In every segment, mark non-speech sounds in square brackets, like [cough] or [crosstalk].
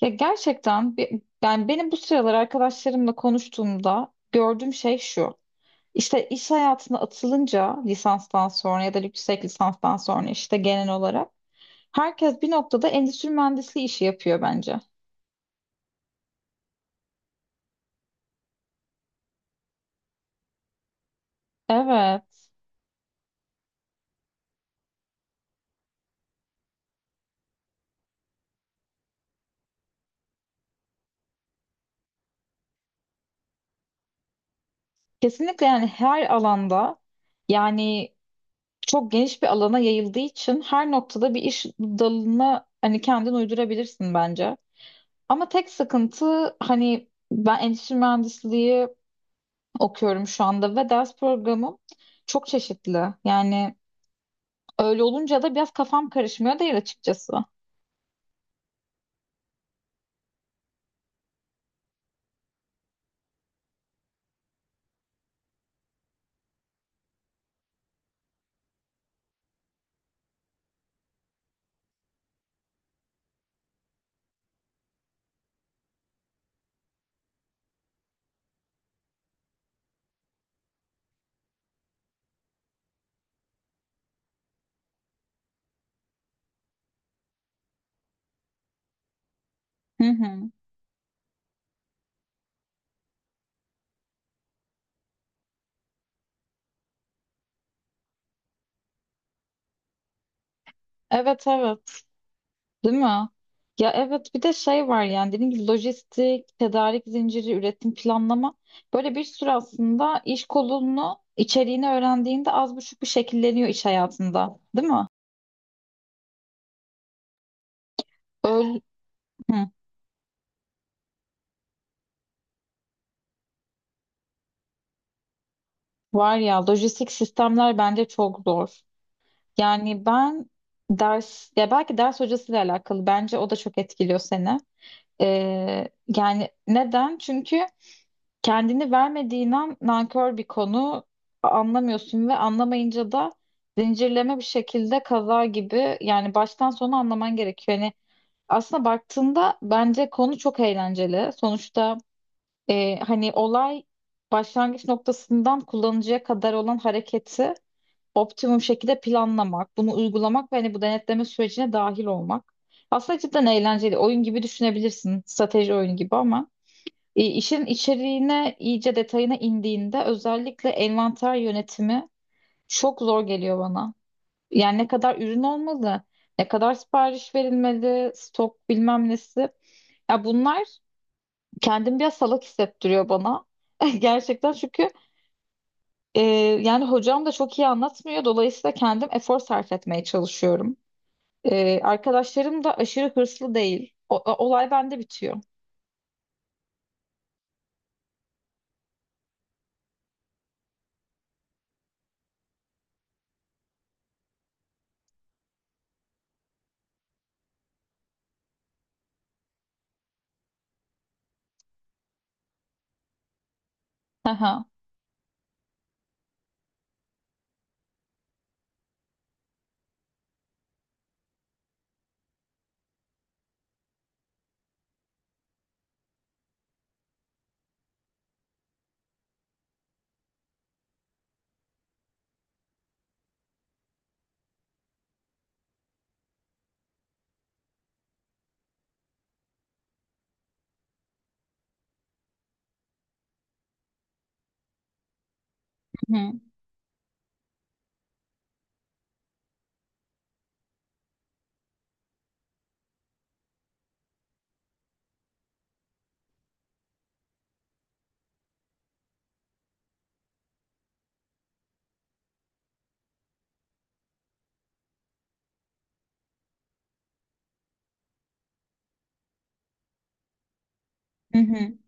Ya gerçekten benim bu sıralar arkadaşlarımla konuştuğumda gördüğüm şey şu. İşte iş hayatına atılınca lisanstan sonra ya da yüksek lisanstan sonra işte genel olarak herkes bir noktada endüstri mühendisliği işi yapıyor bence. Evet. Kesinlikle yani her alanda yani çok geniş bir alana yayıldığı için her noktada bir iş dalına hani kendin uydurabilirsin bence. Ama tek sıkıntı hani ben endüstri mühendisliği okuyorum şu anda ve ders programım çok çeşitli. Yani öyle olunca da biraz kafam karışmıyor değil açıkçası. Hı hı. Evet, evet. Değil mi? Ya evet, bir de şey var yani dediğim gibi lojistik, tedarik zinciri, üretim planlama böyle bir sürü aslında iş kolunu içeriğini öğrendiğinde az buçuk bir şekilleniyor iş hayatında. Değil mi? Öyle. Var ya, lojistik sistemler bence çok zor. Yani ben ders, ya belki ders hocasıyla alakalı bence o da çok etkiliyor seni. Yani neden? Çünkü kendini vermediğin an nankör bir konu, anlamıyorsun ve anlamayınca da zincirleme bir şekilde kaza gibi, yani baştan sona anlaman gerekiyor. Yani aslında baktığında bence konu çok eğlenceli. Sonuçta hani olay başlangıç noktasından kullanıcıya kadar olan hareketi optimum şekilde planlamak, bunu uygulamak ve hani bu denetleme sürecine dahil olmak. Aslında cidden eğlenceli. Oyun gibi düşünebilirsin. Strateji oyunu gibi ama işin içeriğine, iyice detayına indiğinde özellikle envanter yönetimi çok zor geliyor bana. Yani ne kadar ürün olmalı, ne kadar sipariş verilmeli, stok bilmem nesi. Ya bunlar kendimi biraz salak hissettiriyor bana. [laughs] Gerçekten, çünkü e, yani hocam da çok iyi anlatmıyor. Dolayısıyla kendim efor sarf etmeye çalışıyorum. Arkadaşlarım da aşırı hırslı değil. Olay bende bitiyor. Aha. Hı hı. Hı hı.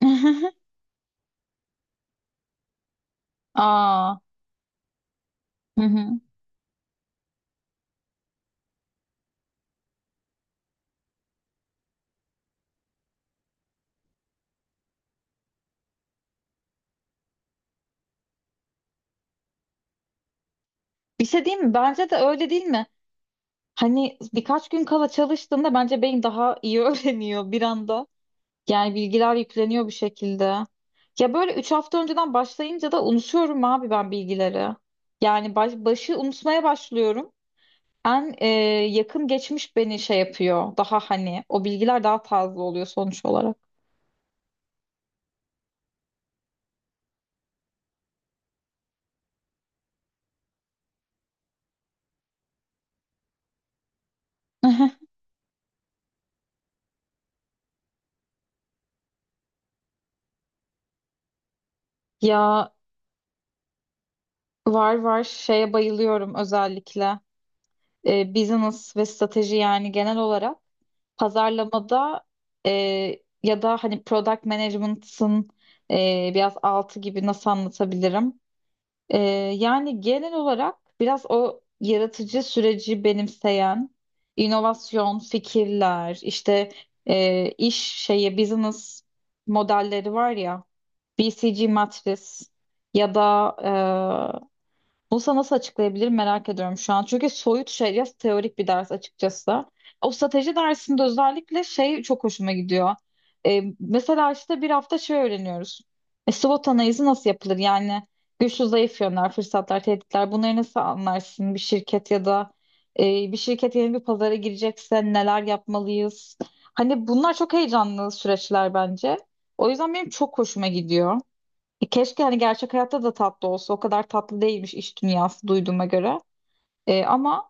[laughs] Aa. Hı hı. Bir şey diyeyim mi? Bence de öyle, değil mi? Hani birkaç gün kala çalıştığında bence beyin daha iyi [laughs] öğreniyor bir anda. Yani bilgiler yükleniyor bir şekilde. Ya böyle 3 hafta önceden başlayınca da unutuyorum abi ben bilgileri. Yani başı unutmaya başlıyorum. En yakın geçmiş beni şey yapıyor. Daha hani o bilgiler daha taze oluyor sonuç olarak. [laughs] Ya var, var, şeye bayılıyorum özellikle business ve strateji, yani genel olarak pazarlamada, e, ya da hani product management'ın biraz altı gibi, nasıl anlatabilirim? E, Yani genel olarak biraz o yaratıcı süreci benimseyen inovasyon fikirler işte, iş şeye business modelleri var ya, BCG matris ya da bunu sana nasıl açıklayabilirim merak ediyorum şu an. Çünkü soyut şey ya, teorik bir ders açıkçası. O strateji dersinde özellikle şey çok hoşuma gidiyor. Mesela işte bir hafta şey öğreniyoruz. SWOT analizi nasıl yapılır? Yani güçlü zayıf yönler, fırsatlar, tehditler, bunları nasıl anlarsın? Bir şirket ya da e, bir şirket yeni bir pazara girecekse neler yapmalıyız? Hani bunlar çok heyecanlı süreçler bence. O yüzden benim çok hoşuma gidiyor. Keşke hani gerçek hayatta da tatlı olsa. O kadar tatlı değilmiş iş dünyası duyduğuma göre. Ama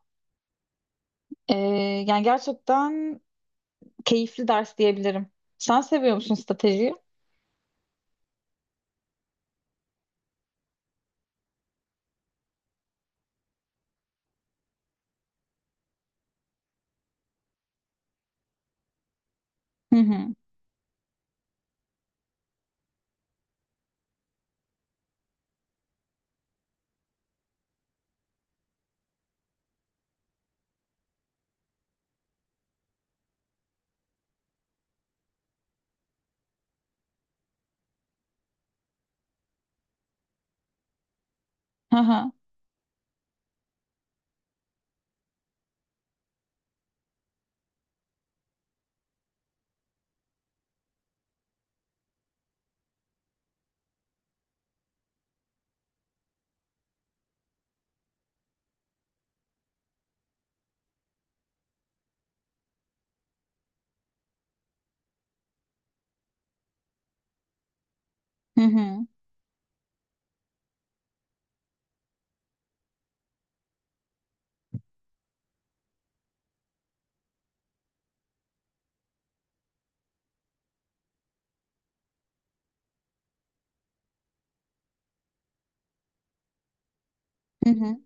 e, yani gerçekten keyifli ders diyebilirim. Sen seviyor musun stratejiyi? Hı hı. Hı hı. Hı hı. Hı hı.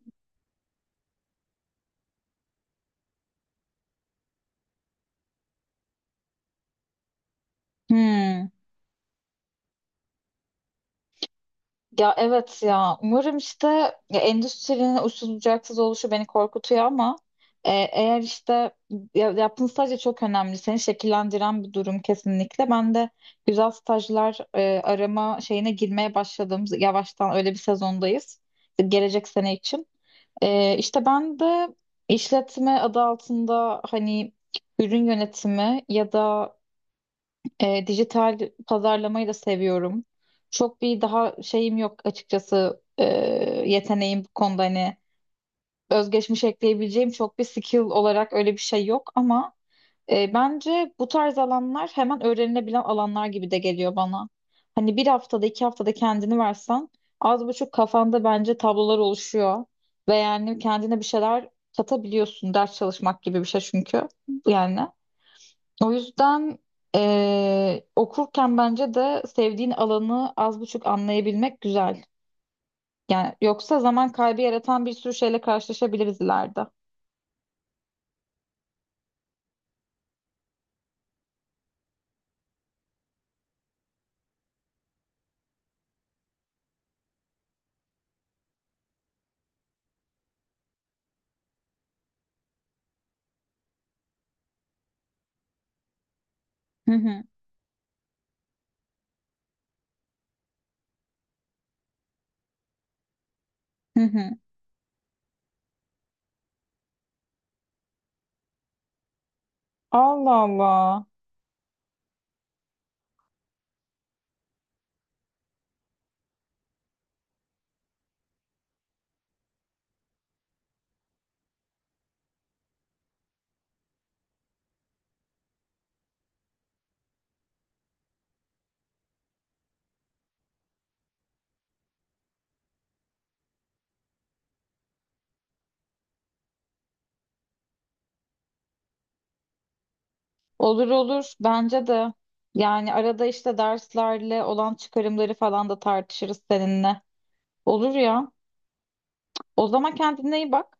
Hı. Ya evet, ya umarım işte, ya endüstrinin uçsuz bucaksız oluşu beni korkutuyor ama e, eğer işte ya, yaptığın staj da çok önemli, seni şekillendiren bir durum kesinlikle. Ben de güzel stajlar arama şeyine girmeye başladım yavaştan, öyle bir sezondayız gelecek sene için. İşte ben de işletme adı altında hani ürün yönetimi ya da dijital pazarlamayı da seviyorum. Çok bir daha şeyim yok açıkçası, yeteneğim bu konuda, hani özgeçmiş ekleyebileceğim çok bir skill olarak öyle bir şey yok ama bence bu tarz alanlar hemen öğrenilebilen alanlar gibi de geliyor bana. Hani bir haftada, iki haftada kendini versen az buçuk kafanda bence tablolar oluşuyor ve yani kendine bir şeyler katabiliyorsun, ders çalışmak gibi bir şey çünkü yani. O yüzden okurken bence de sevdiğin alanı az buçuk anlayabilmek güzel. Yani yoksa zaman kaybı yaratan bir sürü şeyle karşılaşabiliriz ileride. Hı hı, hı hı. Allah Allah. Olur, olur, bence de. Yani arada işte derslerle olan çıkarımları falan da tartışırız seninle. Olur ya. O zaman kendine iyi bak.